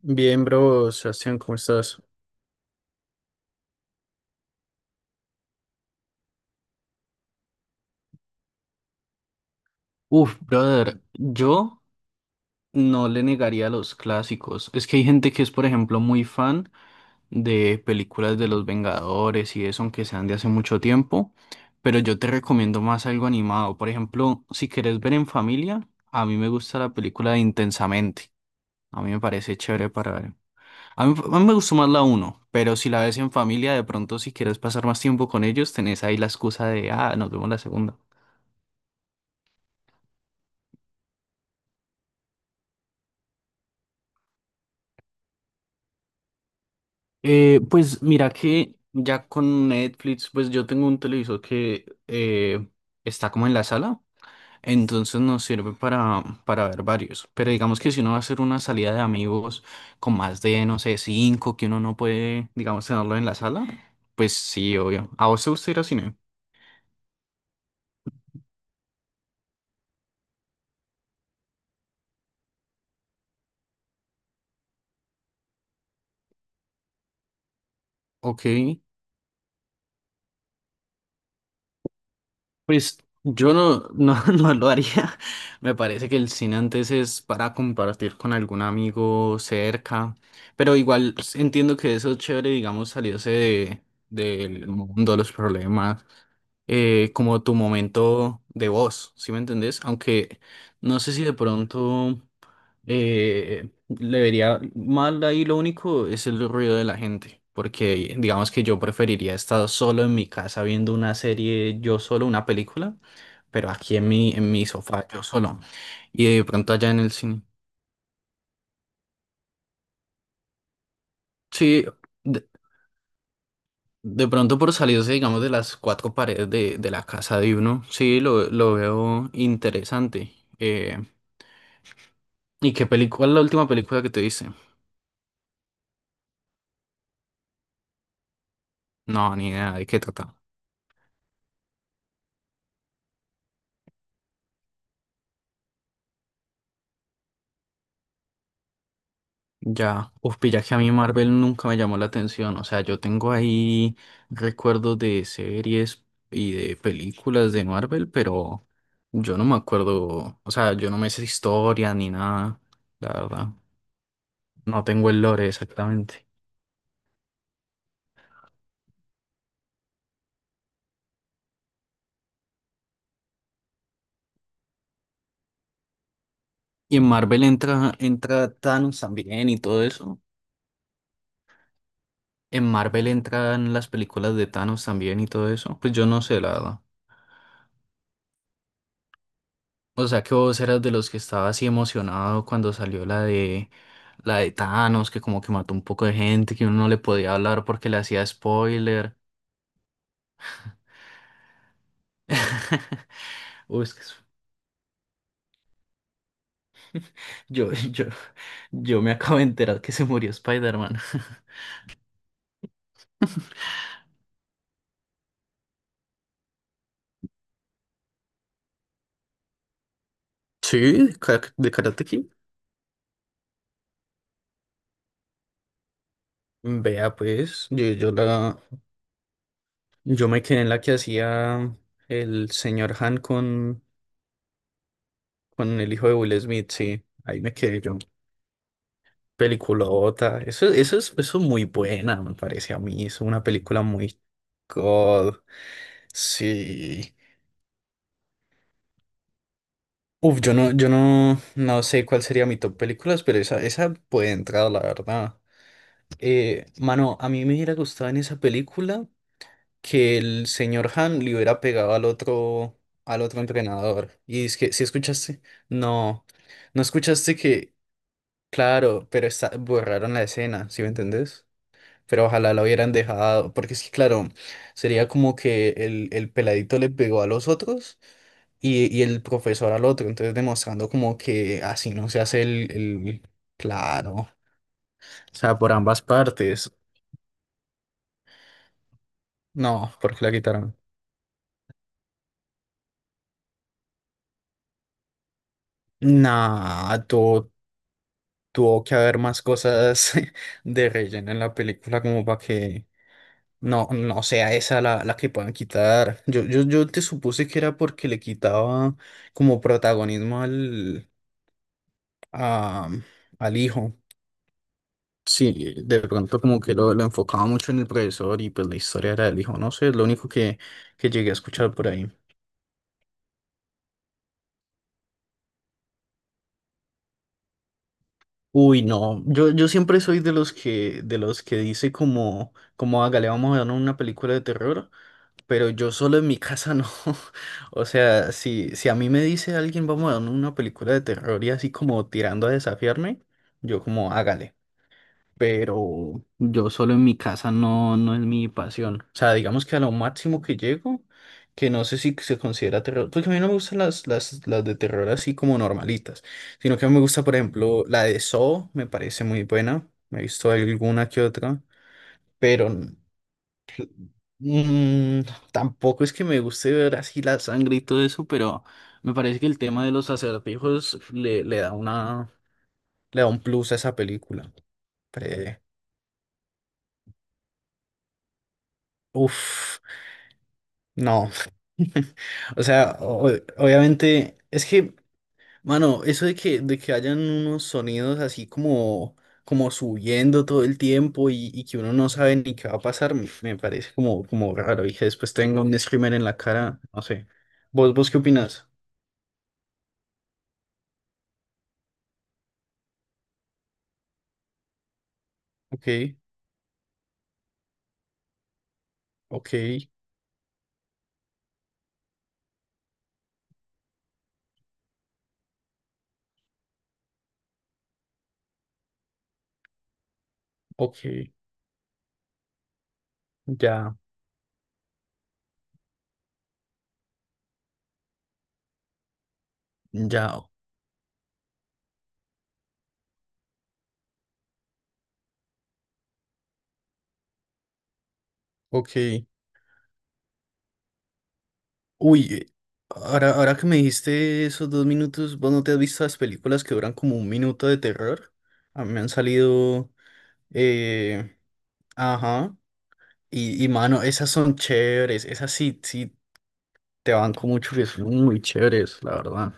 Bien, bro, Sebastián, ¿cómo estás? Brother, yo no le negaría los clásicos. Es que hay gente que es, por ejemplo, muy fan de películas de los Vengadores y eso, aunque sean de hace mucho tiempo, pero yo te recomiendo más algo animado. Por ejemplo, si quieres ver en familia, a mí me gusta la película de Intensamente. A mí me parece chévere para ver. A mí me gustó más la uno, pero si la ves en familia, de pronto si quieres pasar más tiempo con ellos, tenés ahí la excusa de, ah, nos vemos la segunda. Pues mira que ya con Netflix, pues yo tengo un televisor que está como en la sala, entonces nos sirve para ver varios. Pero digamos que si uno va a hacer una salida de amigos con más de, no sé, cinco, que uno no puede, digamos, tenerlo en la sala, pues sí, obvio. ¿A vos te gusta ir al cine? Ok. Pues yo no, no lo haría. Me parece que el cine antes es para compartir con algún amigo cerca. Pero igual entiendo que eso es chévere, digamos, salirse del mundo, los problemas, como tu momento de voz, ¿sí me entendés? Aunque no sé si de pronto. Le vería mal ahí lo único es el ruido de la gente, porque digamos que yo preferiría estar solo en mi casa viendo una serie, yo solo, una película, pero aquí en mi sofá, yo solo, y de pronto allá en el cine. Sí, de, de pronto por salirse, digamos, de las cuatro paredes de la casa de uno, sí, lo veo interesante. ¿Y qué película, cuál es la última película que te dice? No, ni idea de qué trata. Ya, uf, pilla que a mí Marvel nunca me llamó la atención. O sea, yo tengo ahí recuerdos de series y de películas de Marvel, pero yo no me acuerdo. O sea, yo no me sé historia ni nada, la verdad. No tengo el lore exactamente. Y en Marvel entra Thanos también y todo eso. En Marvel entran las películas de Thanos también y todo eso. Pues yo no sé, la verdad. O sea que vos eras de los que estaba así emocionado cuando salió la de Thanos, que como que mató un poco de gente, que uno no le podía hablar porque le hacía spoiler. Uy, yo, yo me acabo de enterar que se murió Spider-Man. Sí, de Karate Kid. Vea, pues, yo me quedé en la que hacía el señor Han con el hijo de Will Smith, sí, ahí me quedé yo. Peliculota. Eso es muy buena, me parece a mí. Es una película muy God. Sí. Uf, yo no, no sé cuál sería mi top películas, pero esa puede entrar, la verdad. Mano, a mí me hubiera gustado en esa película que el señor Han le hubiera pegado al otro entrenador. Y es que, ¿si escuchaste? No, no escuchaste que, claro, pero está, borraron la escena, ¿sí me entendés? Pero ojalá la hubieran dejado, porque es que claro, sería como que el peladito le pegó a los otros y el profesor al otro, entonces demostrando como que así no se hace el... Claro, o sea, por ambas partes. No, porque la quitaron. Nah, tu- tuvo que haber más cosas de relleno en la película como para que no sea esa la que puedan quitar. Yo te supuse que era porque le quitaba como protagonismo al... a- al hijo. Sí, de pronto como que lo enfocaba mucho en el profesor y pues la historia era del hijo, no sé, es lo único que llegué a escuchar por ahí. Uy, no, yo siempre soy de los de los que dice como, como hágale, vamos a ver una película de terror, pero yo solo en mi casa no. O sea, si a mí me dice alguien, vamos a ver una película de terror y así como tirando a desafiarme, yo como hágale. Pero yo solo en mi casa no, no es mi pasión. O sea, digamos que a lo máximo que llego, que no sé si se considera terror, porque a mí no me gustan las de terror así como normalitas, sino que me gusta, por ejemplo, la de Saw, me parece muy buena, me he visto alguna que otra, pero mm, tampoco es que me guste ver así la sangre y todo eso, pero me parece que el tema de los acertijos le da una, le da un plus a esa película. Pre- Uf, no. O sea, obviamente, es que, mano, eso de de que hayan unos sonidos así como, como subiendo todo el tiempo y que uno no sabe ni qué va a pasar, me parece como, como raro. Y que después tenga un screamer en la cara, no sé. Vos qué opinas? Ok, ok, ok, ya, ya, ok. Uy, ahora que me dijiste esos dos minutos, ¿vos no te has visto las películas que duran como un minuto de terror? A mí me han salido. Eh, ajá. Y mano, esas son chéveres. Esas sí, te banco mucho que son muy chéveres, la verdad.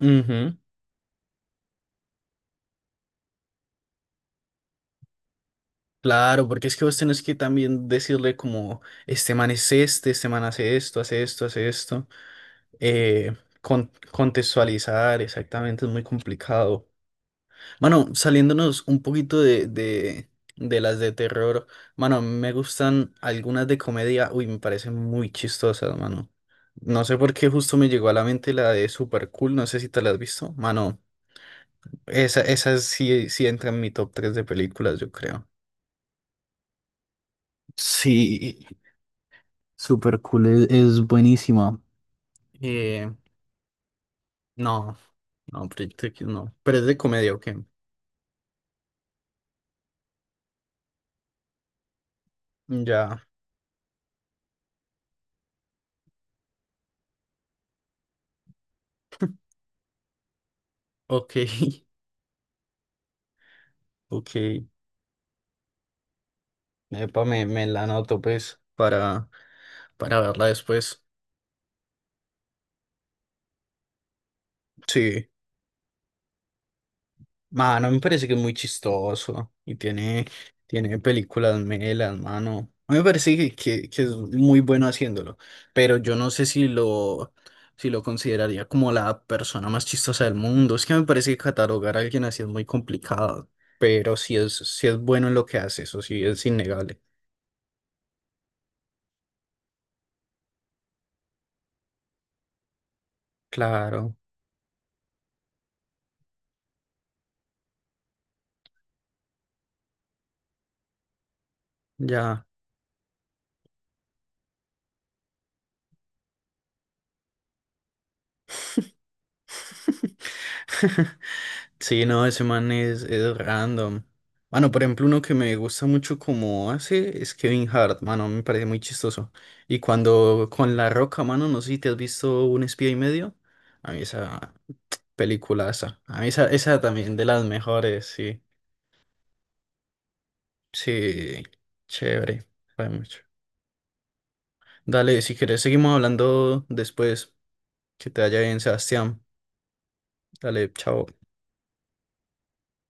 Ujú, claro, porque es que vos tenés que también decirle como, este man es este este man hace esto, hace esto, hace esto. Eh, contextualizar, exactamente, es muy complicado. Mano, saliéndonos un poquito de las de terror, mano, me gustan algunas de comedia, uy, me parecen muy chistosas, mano. No sé por qué justo me llegó a la mente la de Super Cool, no sé si te la has visto, mano. Esa sí, sí entra en mi top tres de películas, yo creo. Sí, Super Cool es buenísima. Eh, no, no, Proyecto X no. Pero es de comedia, ok. Ya, ok, ok. Epa, me la anoto, pues, para verla después. Sí, mano, me parece que es muy chistoso y tiene, tiene películas melas, mano. A mí me parece que es muy bueno haciéndolo, pero yo no sé si si lo consideraría como la persona más chistosa del mundo. Es que me parece que catalogar a alguien así es muy complicado, pero si si es bueno en lo que hace, eso sí es innegable. Claro, ya. Sí, no, ese man es random. Bueno, por ejemplo, uno que me gusta mucho como hace es Kevin Hart, mano, me parece muy chistoso. Y cuando con La Roca, mano, no sé si te has visto Un espía y medio. A mí esa peliculaza. A mí esa también de las mejores, sí. Sí, chévere, fue mucho. Dale, si quieres, seguimos hablando después. Que te vaya bien, Sebastián. Dale, chao.